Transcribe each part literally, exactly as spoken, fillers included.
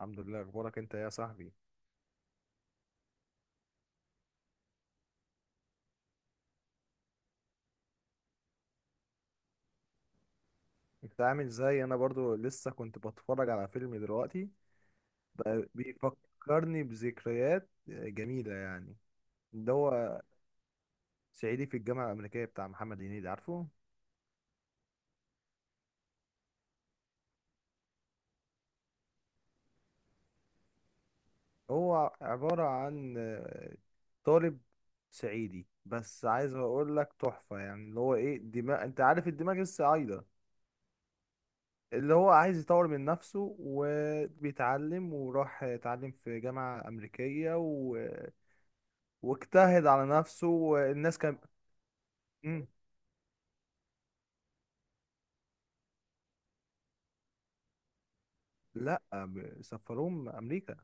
الحمد لله، اخبارك انت إيه يا صاحبي؟ انت عامل ازاي؟ انا برضو لسه كنت بتفرج على فيلم دلوقتي. بقى بيفكرني بذكريات جميلة يعني. اللي هو صعيدي في الجامعة الأمريكية بتاع محمد هنيدي، عارفه؟ هو عبارة عن آه، طالب صعيدي، بس عايز اقول لك تحفة. يعني اللي هو ايه، دماغ، انت عارف الدماغ الصعايدة. اللي هو عايز يطور من نفسه وبيتعلم، وراح اتعلم في جامعة أمريكية، واجتهد على نفسه، والناس كان. مم. لا، ب- سفروه امريكا.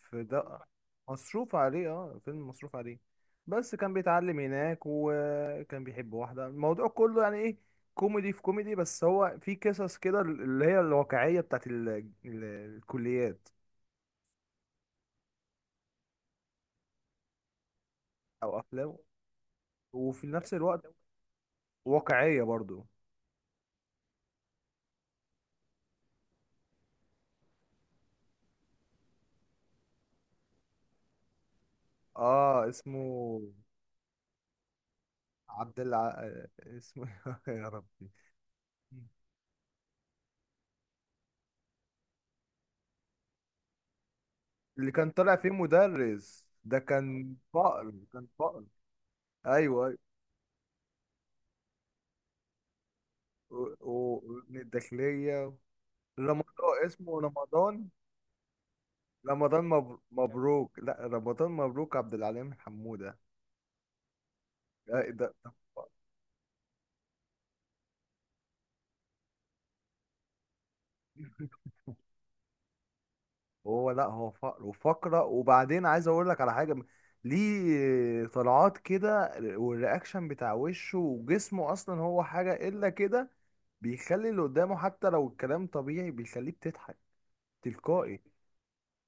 في ده، مصروف عليه، اه فيلم مصروف عليه. بس كان بيتعلم هناك وكان بيحب واحدة. الموضوع كله يعني ايه؟ كوميدي في كوميدي، بس هو في قصص كده اللي هي الواقعية بتاعت ال... ال... الكليات. او افلام، وفي نفس الوقت واقعية برضو. اه، اسمه عبد الع... آه، اسمه يا ربي. اللي كان طالع فيه مدرس، ده كان فقر كان فقر. ايوه، ايوه، و- و- وابن الداخلية. رمضان، اسمه رمضان. رمضان مبر- مبروك. لا، رمضان مبروك عبد العليم حمودة. لا، ده ده فقر. هو، لا، هو فقر وفقرة. وبعدين عايز اقول لك على حاجة. ليه طلعات كده والرياكشن بتاع وشه وجسمه؟ اصلا هو حاجة الا كده. بيخلي اللي قدامه حتى لو الكلام طبيعي بيخليك تضحك. تلقائي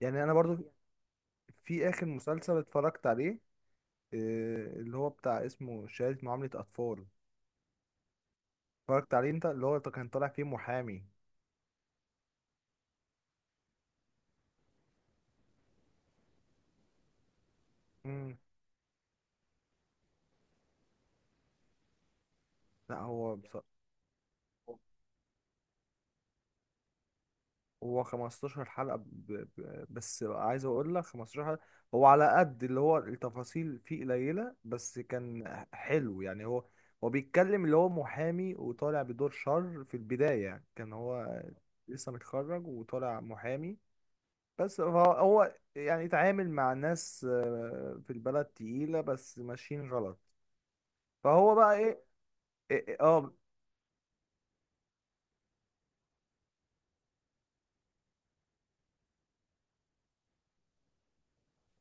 يعني. انا برضو، في اخر مسلسل اتفرجت عليه، آه، اللي هو بتاع اسمه شهادة معاملة اطفال. اتفرجت عليه انت؟ اللي هو كان طالع فيه محامي. مم. لا، هو بص، هو خمس عشرة حلقة. ب... ب... بس عايز اقول لك خمس عشرة حلقة. هو على قد اللي هو التفاصيل فيه قليلة، بس كان حلو يعني. هو هو بيتكلم اللي هو محامي وطالع بدور شر في البداية، يعني كان هو لسه متخرج وطالع محامي. بس هو هو يعني اتعامل مع ناس آه، في البلد تقيلة بس ماشيين غلط. فهو بقى ايه؟ إيه- إيه، اه،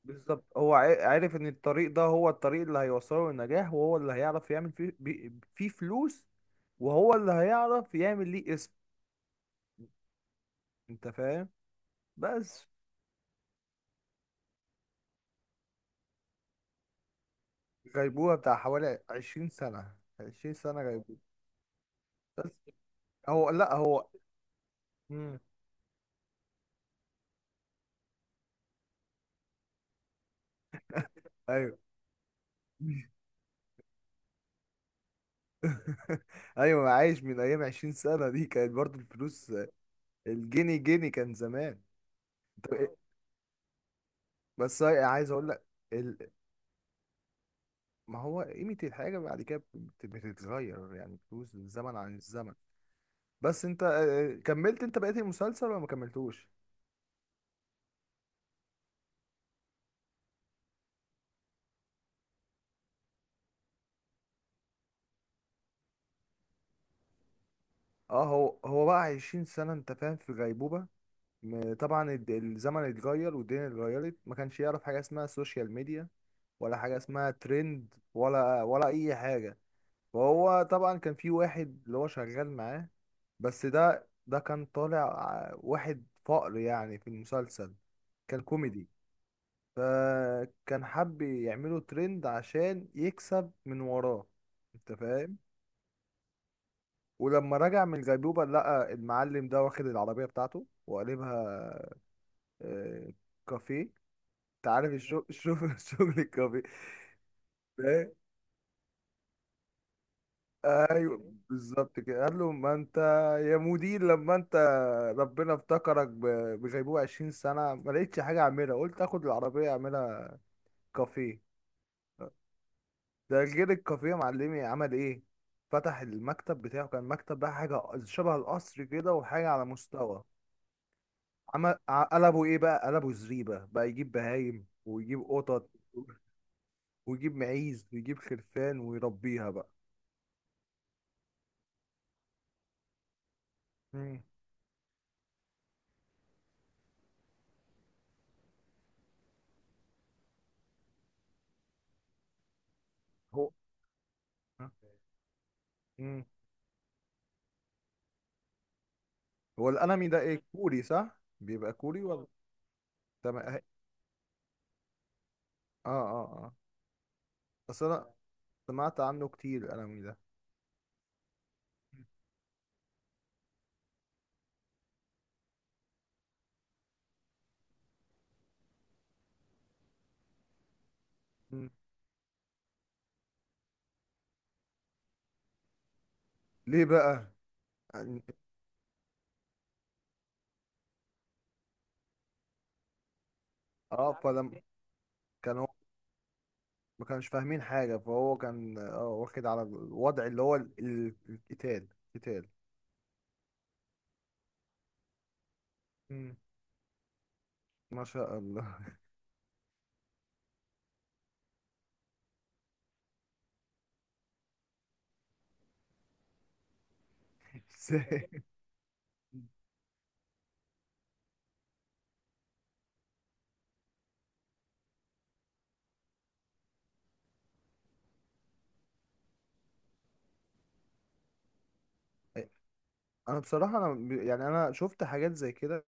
بالظبط. هو ع- عارف ان الطريق ده هو الطريق اللي هيوصله للنجاح، وهو اللي هيعرف يعمل فيه بي- فيه فلوس، وهو اللي هيعرف يعمل ليه اسم. انت فاهم؟ بس غيبوبة بتاع حوالي عشرين سنة. عشرين سنة غيبوبة. بس هو، لا، هو. مم. ايوه. ايوه، عايش من ايام. عشرين سنة دي كانت برضو الفلوس، الجنيه جنيه كان زمان. طب إيه- اه، بس أنا عايز اقول لك ال... ما هو قيمة الحاجة بعد كده بت- بتتغير، يعني فلوس الزمن عن الزمن. بس انت آه، آه، كملت انت بقيت المسلسل ولا ما كملتوش؟ اه، هو هو بقى عشرين سنة، انت فاهم، في غيبوبة. م- طبعا الد- الزمن اتغير والدنيا اتغيرت، ما كانش يعرف حاجة اسمها سوشيال ميديا، ولا حاجة اسمها ترند، ولا ولا اي حاجة. وهو طبعا كان في واحد اللي هو شغال معاه. بس ده ده كان طالع ع- واحد فقر يعني في المسلسل، كان كوميدي. فكان حب يعمله ترند عشان يكسب من وراه. انت فاهم؟ ولما رجع من الغيبوبة لقى المعلم ده واخد العربية بتاعته وقلبها آه، كافيه. انت عارف الشغل، الشغل الكافيه. ايوه بالظبط. كده قال له، ما انت يا مدير لما انت ربنا افتكرك ب- بغيبوبة عشرين سنة، ما لقيتش حاجة اعملها، قلت اخد العربية اعملها كافيه. ده غير الكافيه، معلمي عمل ايه؟ فتح المكتب بتاعه، كان مكتب بقى حاجة شبه القصر كده، وحاجة على مستوى. عمل ع- قلبه ايه بقى؟ قلبه زريبة، بقى يجيب بهايم ويجيب قطط ويجيب معيز ويجيب خرفان ويربيها بقى. مم. هو. مم. هو الانمي ده ايه، كوري؟ صح؟ بيبقى كوري ولا؟ تمام، اه. اه، اه. بس انا سمعت عنه كتير الانمي ده. مم. ليه بقى؟ يعني- اه، فلم. كان هو ما كانش فاهمين حاجة، فهو كان اه واخد على الوضع، اللي هو ال- ال- القتال. قتال. مم. ما شاء الله. ازاي؟ انا بصراحة، انا ب- يعني انا شفت حاجات زي كده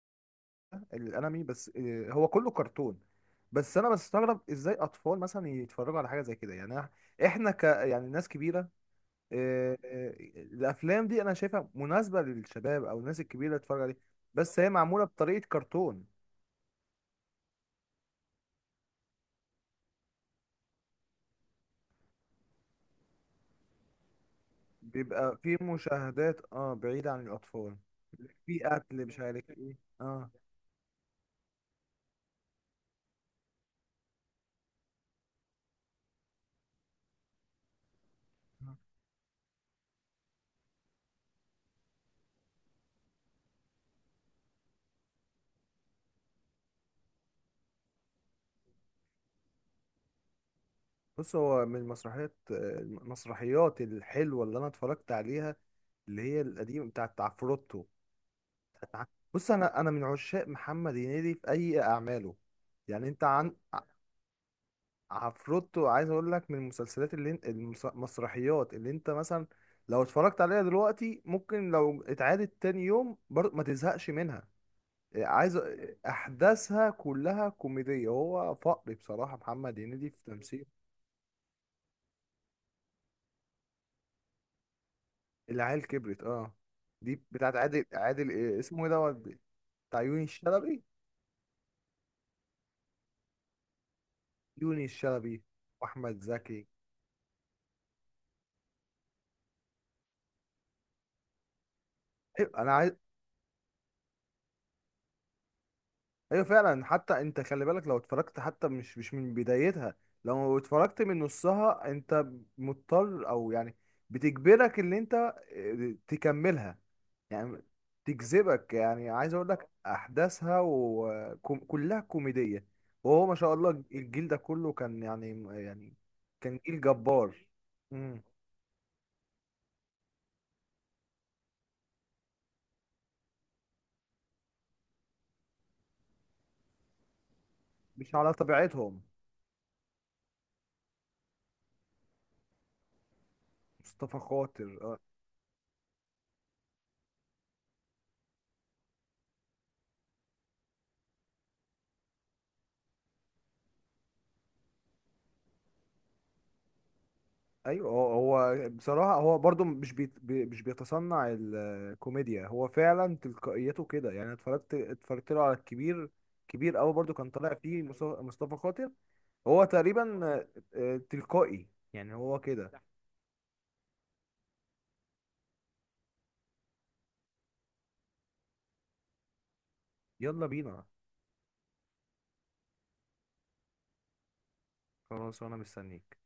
الانمي، بس آه، هو كله كرتون. بس انا بستغرب ازاي اطفال مثلا يتفرجوا على حاجة زي كده. يعني إح- احنا ك يعني ناس كبيرة. آه، آه، الافلام دي انا شايفها مناسبه للشباب او الناس الكبيره تتفرج عليها، بس هي معموله بطريقه كرتون. بيبقى في مشاهدات، اه بعيده عن الاطفال. في قتل، مش عارف ايه، اه. آه. بص، هو من المسرحيات، آه، المسرحيات الحلوه اللي انا اتفرجت عليها، اللي هي القديمه بتاعت عفروتو. بص، انا انا من عشاق محمد هنيدي في اي اعماله. يعني انت عن... عفروتو، عايز اقول لك، من المسلسلات اللي انت المس- المسرحيات اللي انت مثلا لو اتفرجت عليها دلوقتي ممكن، لو اتعادت تاني يوم برضه ما تزهقش منها. إيه، عايز أ- احداثها كلها كوميدية. هو فقري بصراحة محمد هنيدي في تمثيل. العيال كبرت، اه. دي بتاعت عادل، عادل إيه اسمه، ايه دوت؟ بتاع يوني الشلبي. يوني الشلبي واحمد زكي. إيه، انا عايز. ايوه فعلا، حتى انت خلي بالك، لو اتفرجت حتى مش مش من بدايتها، لو اتفرجت من نصها انت مضطر، او يعني بتجبرك ان انت آه، تكملها. يعني تجذبك، يعني عايز اقول لك احداثها وكلها كوميدية. وهو ما شاء الله الجيل ده كله كان يعني يعني، كان جيل جبار. مم. مش على طبيعتهم. مصطفى خاطر. ايوه، هو هو بصراحه، هو برضو مش بيت بي مش بيتصنع الكوميديا. هو فعلا تلقائيته كده، يعني أنا اتفرجت اتفرجت له على الكبير. كبير قوي، برضو كان طالع فيه مص- مصطفى خاطر. هو تقريبا آه، آه، تلقائي، يعني هو كده. يلا بينا. خلاص، وانا مستنيك.